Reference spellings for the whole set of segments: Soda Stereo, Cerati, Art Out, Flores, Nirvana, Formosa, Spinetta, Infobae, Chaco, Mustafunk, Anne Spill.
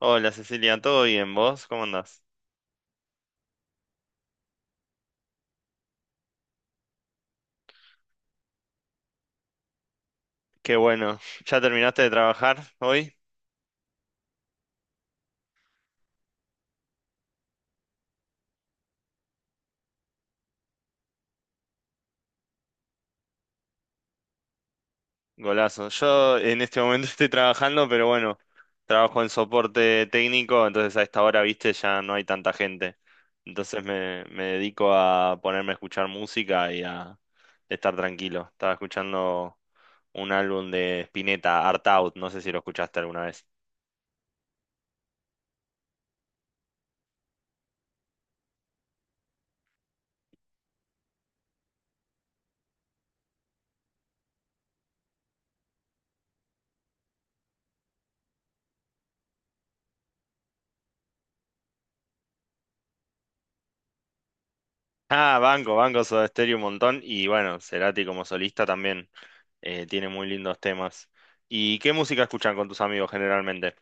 Hola Cecilia, ¿todo bien vos? ¿Cómo andás? Qué bueno, ¿ya terminaste de trabajar hoy? Golazo. Yo en este momento estoy trabajando, pero bueno, trabajo en soporte técnico, entonces a esta hora, viste, ya no hay tanta gente. Entonces me dedico a ponerme a escuchar música y a estar tranquilo. Estaba escuchando un álbum de Spinetta, Art Out, no sé si lo escuchaste alguna vez. Ah, banco, banco Soda Stereo un montón. Y bueno, Cerati como solista también tiene muy lindos temas. ¿Y qué música escuchan con tus amigos generalmente?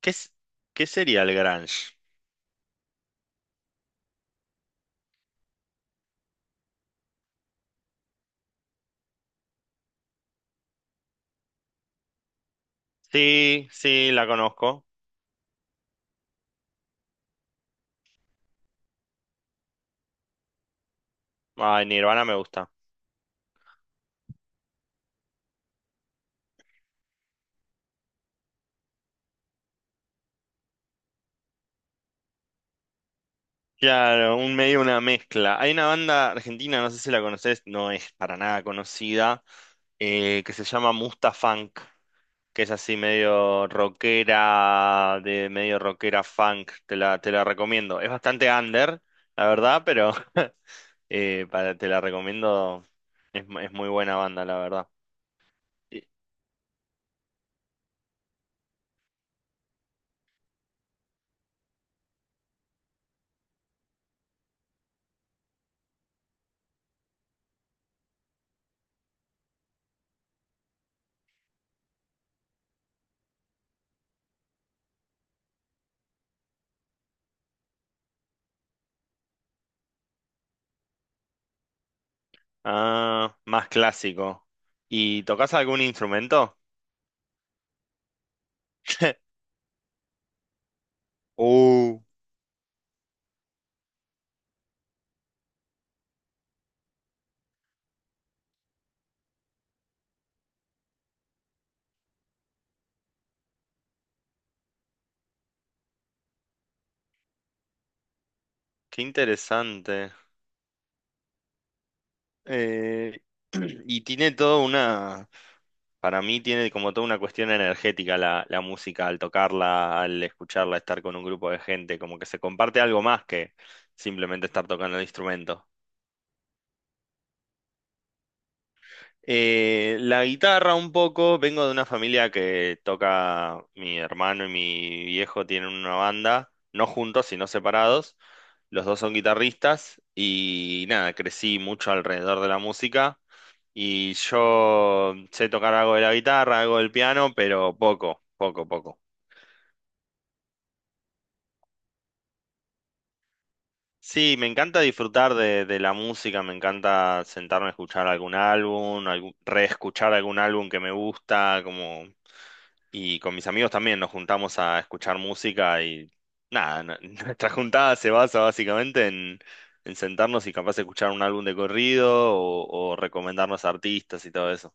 ¿Qué, es- ¿Qué sería el grunge? Sí, sí, la conozco. Ay, Nirvana me gusta. Claro, un medio, una mezcla. Hay una banda argentina, no sé si la conoces, no es para nada conocida, que se llama Mustafunk. Que es así medio rockera, de medio rockera funk, te la recomiendo. Es bastante under, la verdad, pero te la recomiendo. Es muy buena banda, la verdad. Y- Ah, más clásico. ¿Y tocas algún instrumento? Uh, qué interesante. Eh, y tiene toda una, para mí tiene como toda una cuestión energética la música, al tocarla, al escucharla, estar con un grupo de gente, como que se comparte algo más que simplemente estar tocando el instrumento. La guitarra un poco, vengo de una familia que toca, mi hermano y mi viejo tienen una banda, no juntos, sino separados, los dos son guitarristas y nada, crecí mucho alrededor de la música. Y yo sé tocar algo de la guitarra, algo del piano, pero poco, poco, poco. Sí, me encanta disfrutar de la música, me encanta sentarme a escuchar algún álbum, reescuchar algún álbum que me gusta, como... Y con mis amigos también nos juntamos a escuchar música y nada, nuestra juntada se basa básicamente en sentarnos y capaz de escuchar un álbum de corrido o recomendarnos artistas y todo eso.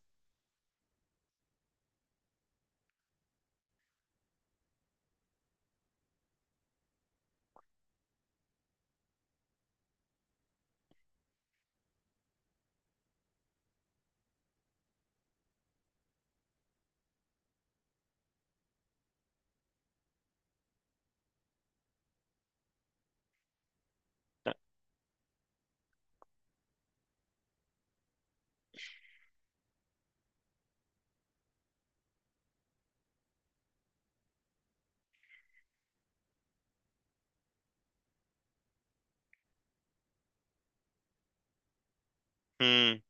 Mm.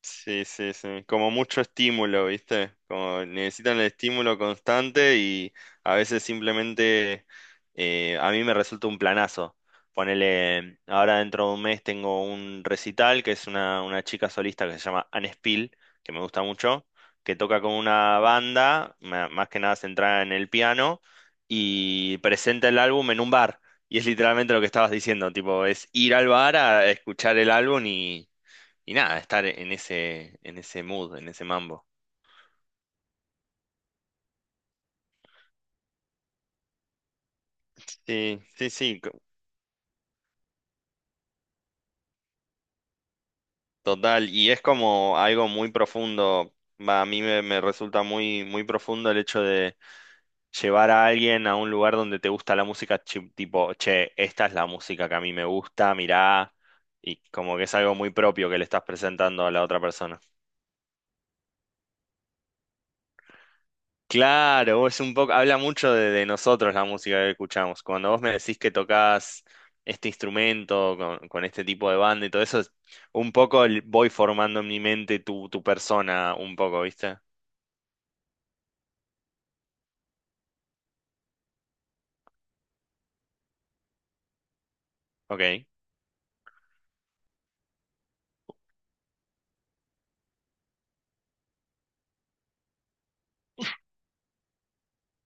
Sí, sí, sí. Como mucho estímulo, ¿viste? Como necesitan el estímulo constante y a veces simplemente a mí me resulta un planazo. Ponele, ahora dentro de un mes tengo un recital que es una chica solista que se llama Anne Spill, que me gusta mucho, que toca con una banda, más que nada centrada en el piano, y presenta el álbum en un bar. Y es literalmente lo que estabas diciendo, tipo, es ir al bar a escuchar el álbum y nada, estar en ese mood, en ese mambo. Sí, sí, sí, total. Y es como algo muy profundo. Va, a mí me resulta muy, muy profundo el hecho de llevar a alguien a un lugar donde te gusta la música, tipo, che, esta es la música que a mí me gusta, mirá. Y como que es algo muy propio que le estás presentando a la otra persona. Claro, es un poco, habla mucho de nosotros la música que escuchamos. Cuando vos me decís que tocas este instrumento con este tipo de banda y todo eso, es un poco voy formando en mi mente tu, tu persona, un poco, ¿viste? Ok.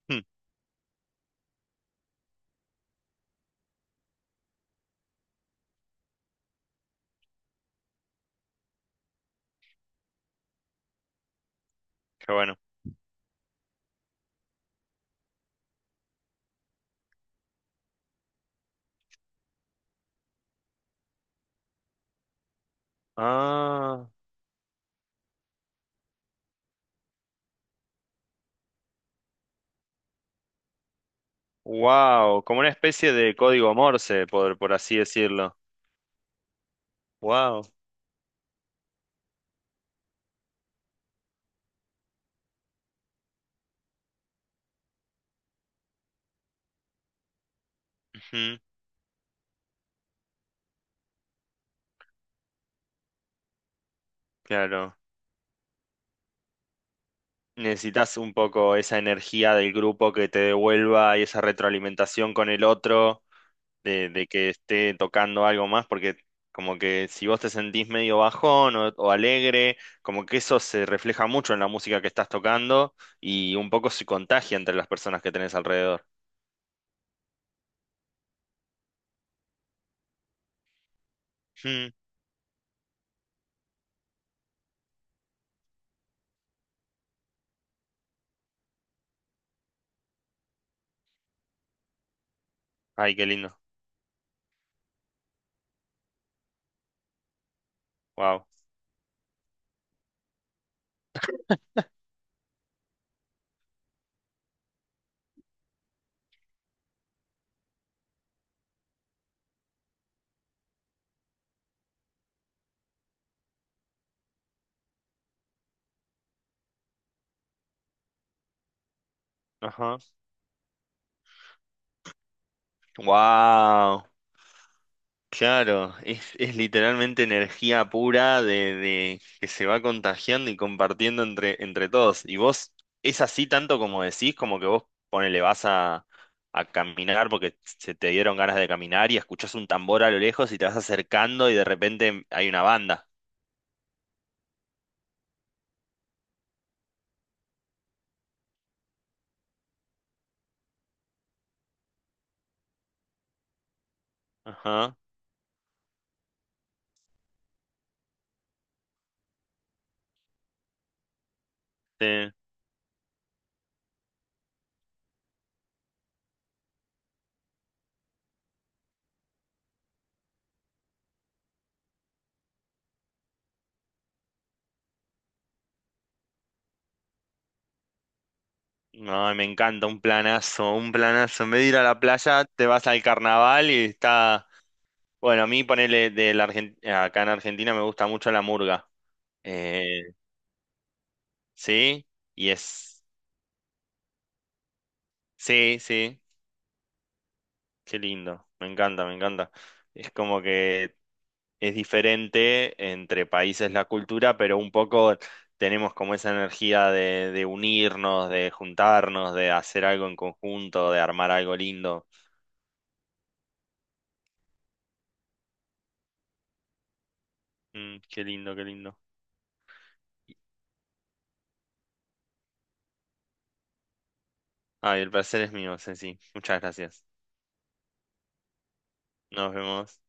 Hmm, qué bueno. Ah, wow, como una especie de código Morse, por así decirlo. Wow, claro. Necesitas un poco esa energía del grupo que te devuelva y esa retroalimentación con el otro. De que esté tocando algo más, porque como que si vos te sentís medio bajón o alegre, como que eso se refleja mucho en la música que estás tocando y un poco se contagia entre las personas que tenés alrededor. Hmm. Ay, qué lindo. Wow. Ajá. Wow. Claro, es literalmente energía pura de que se va contagiando y compartiendo entre, entre todos. Y vos, es así tanto como decís, como que vos ponele, a caminar porque se te dieron ganas de caminar y escuchás un tambor a lo lejos y te vas acercando y de repente hay una banda. Ajá. Sí. No, me encanta, un planazo, un planazo. En vez de ir a la playa, te vas al carnaval y está. Bueno, a mí ponele acá en Argentina me gusta mucho la murga. Eh, Sí, y es, sí, sí, qué lindo, me encanta, me encanta. Es como que es diferente entre países la cultura, pero un poco tenemos como esa energía de unirnos, de juntarnos, de hacer algo en conjunto, de armar algo lindo. Mm, qué lindo, qué lindo. Ay, el placer es mío, Ceci. Muchas gracias. Nos vemos.